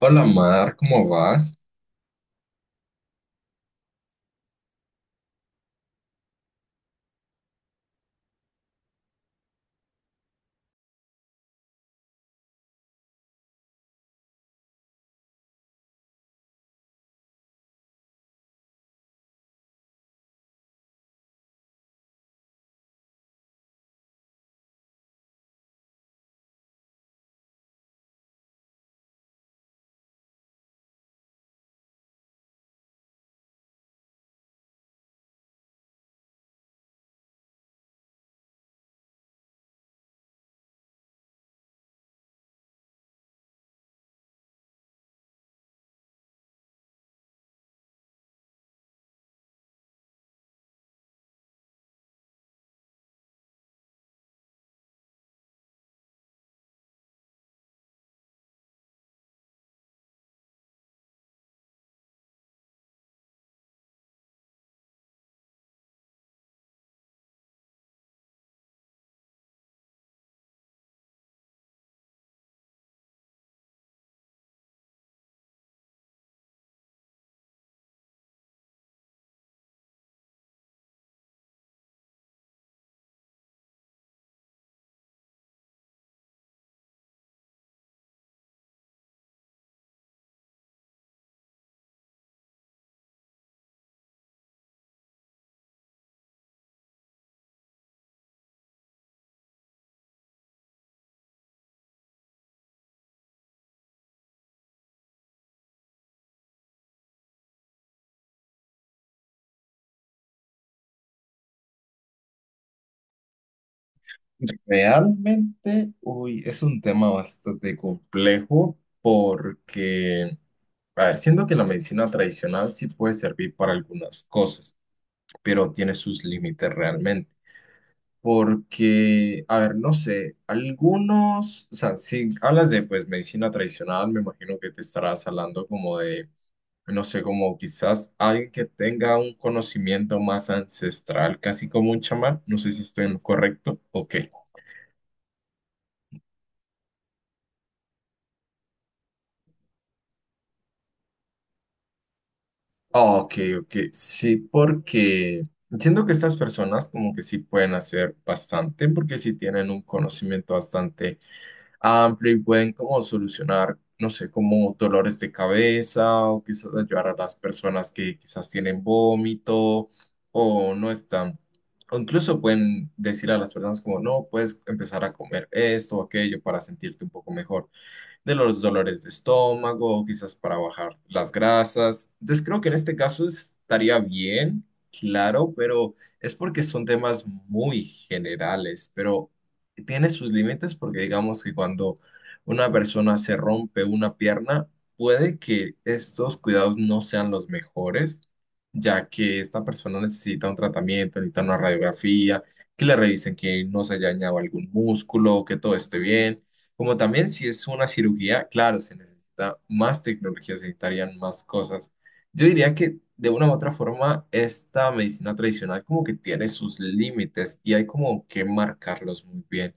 Hola Mar, ¿cómo vas? Realmente, uy, es un tema bastante complejo porque, a ver, siento que la medicina tradicional sí puede servir para algunas cosas, pero tiene sus límites realmente. Porque, a ver, no sé, algunos, o sea, si hablas de pues medicina tradicional, me imagino que te estarás hablando como de no sé, como quizás alguien que tenga un conocimiento más ancestral, casi como un chamán. No sé si estoy en lo correcto. Ok. Ok, ok. Sí, porque siento que estas personas como que sí pueden hacer bastante, porque sí tienen un conocimiento bastante amplio y pueden como solucionar, no sé, como dolores de cabeza o quizás ayudar a las personas que quizás tienen vómito o no están. O incluso pueden decir a las personas como, no, puedes empezar a comer esto o aquello para sentirte un poco mejor de los dolores de estómago, quizás para bajar las grasas. Entonces creo que en este caso estaría bien, claro, pero es porque son temas muy generales, pero tiene sus límites porque digamos que cuando una persona se rompe una pierna, puede que estos cuidados no sean los mejores, ya que esta persona necesita un tratamiento, necesita una radiografía, que le revisen que no se haya dañado algún músculo, que todo esté bien. Como también si es una cirugía, claro, se necesita más tecnología, se necesitarían más cosas. Yo diría que de una u otra forma, esta medicina tradicional como que tiene sus límites y hay como que marcarlos muy bien.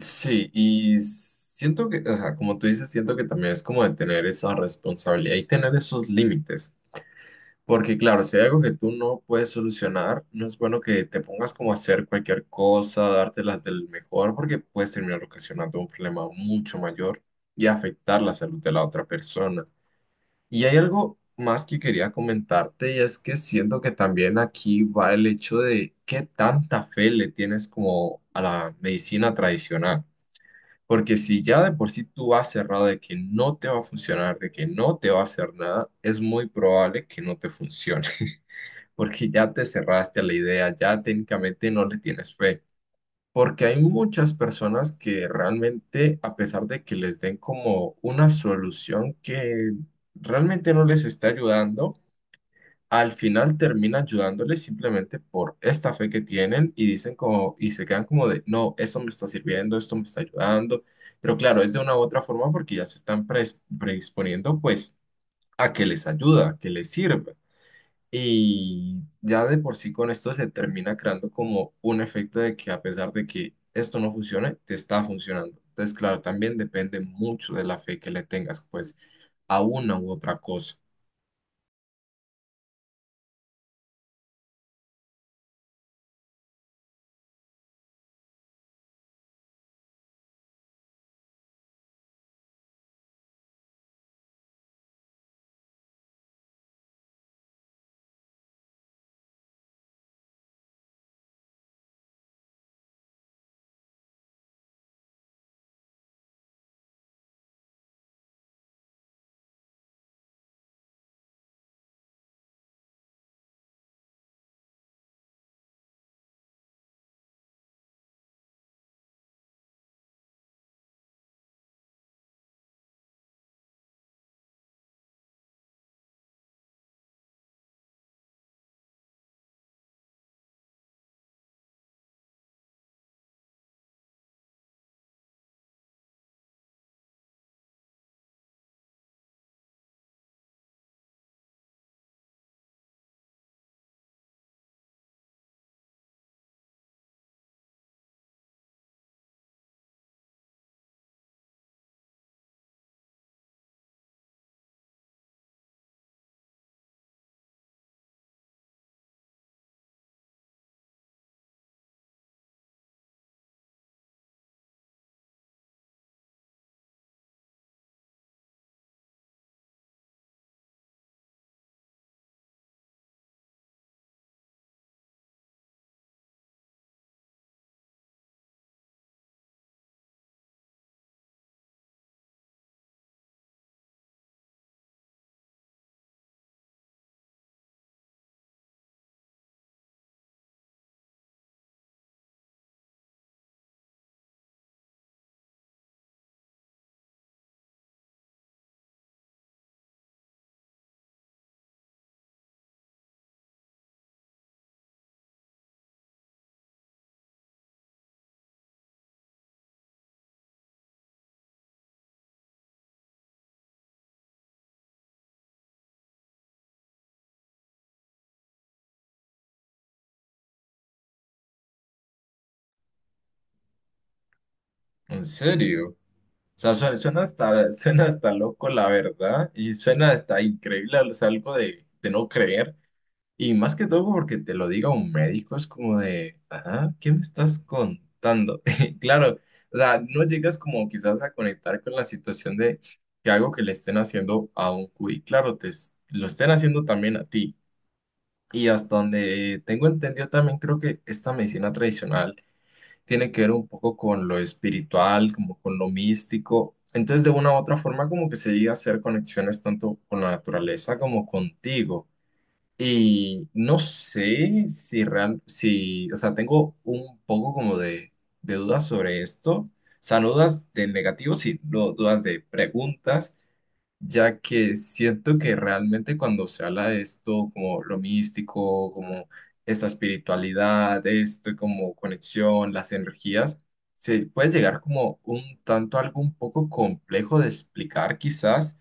Sí, y siento que, o sea, como tú dices, siento que también es como de tener esa responsabilidad y tener esos límites. Porque claro, si hay algo que tú no puedes solucionar, no es bueno que te pongas como a hacer cualquier cosa, dártelas del mejor, porque puedes terminar ocasionando un problema mucho mayor y afectar la salud de la otra persona. Y hay algo más que quería comentarte y es que siento que también aquí va el hecho de qué tanta fe le tienes como a la medicina tradicional. Porque si ya de por sí tú vas cerrado de que no te va a funcionar, de que no te va a hacer nada, es muy probable que no te funcione porque ya te cerraste a la idea, ya técnicamente no le tienes fe. Porque hay muchas personas que realmente, a pesar de que les den como una solución que realmente no les está ayudando, al final termina ayudándoles simplemente por esta fe que tienen y dicen como, y se quedan como de, no, eso me está sirviendo, esto me está ayudando. Pero claro, es de una u otra forma porque ya se están predisponiendo pues a que les ayuda, a que les sirva. Y ya de por sí con esto se termina creando como un efecto de que a pesar de que esto no funcione, te está funcionando. Entonces, claro, también depende mucho de la fe que le tengas, pues, a una u otra cosa. En serio. O sea, suena, suena hasta, suena hasta loco, la verdad, y suena hasta increíble, o sea, algo de no creer. Y más que todo porque te lo diga un médico, es como de, ajá, ¿qué me estás contando? Claro, o sea, no llegas como quizás a conectar con la situación de que algo que le estén haciendo a un cuy, claro, te, lo estén haciendo también a ti. Y hasta donde tengo entendido también creo que esta medicina tradicional tiene que ver un poco con lo espiritual, como con lo místico. Entonces, de una u otra forma, como que se llega a hacer conexiones tanto con la naturaleza como contigo. Y no sé si real, si, o sea, tengo un poco como de dudas sobre esto. O sea, no dudas de negativos, sino dudas de preguntas, ya que siento que realmente cuando se habla de esto, como lo místico, como esta espiritualidad, esto, como conexión, las energías, se puede llegar como un tanto algo un poco complejo de explicar quizás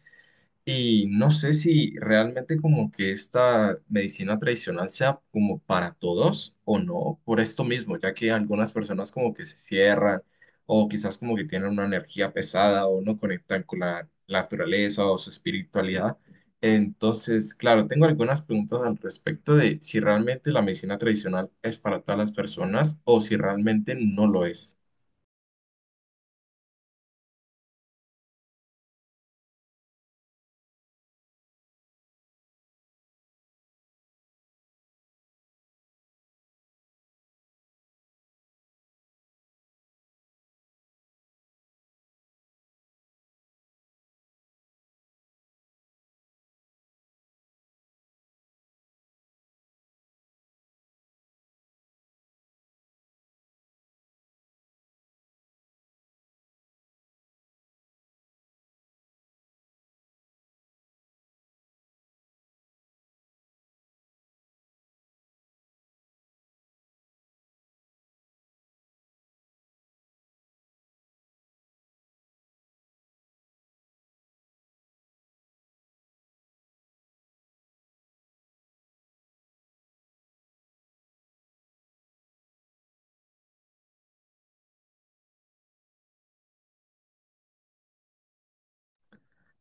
y no sé si realmente como que esta medicina tradicional sea como para todos o no, por esto mismo, ya que algunas personas como que se cierran o quizás como que tienen una energía pesada o no conectan con la naturaleza o su espiritualidad. Entonces, claro, tengo algunas preguntas al respecto de si realmente la medicina tradicional es para todas las personas o si realmente no lo es.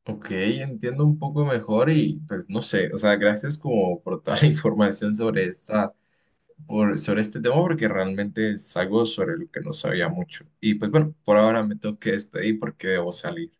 Ok, entiendo un poco mejor y pues no sé, o sea, gracias como por toda la información sobre esta, por, sobre este tema porque realmente es algo sobre lo que no sabía mucho. Y pues bueno, por ahora me tengo que despedir porque debo salir.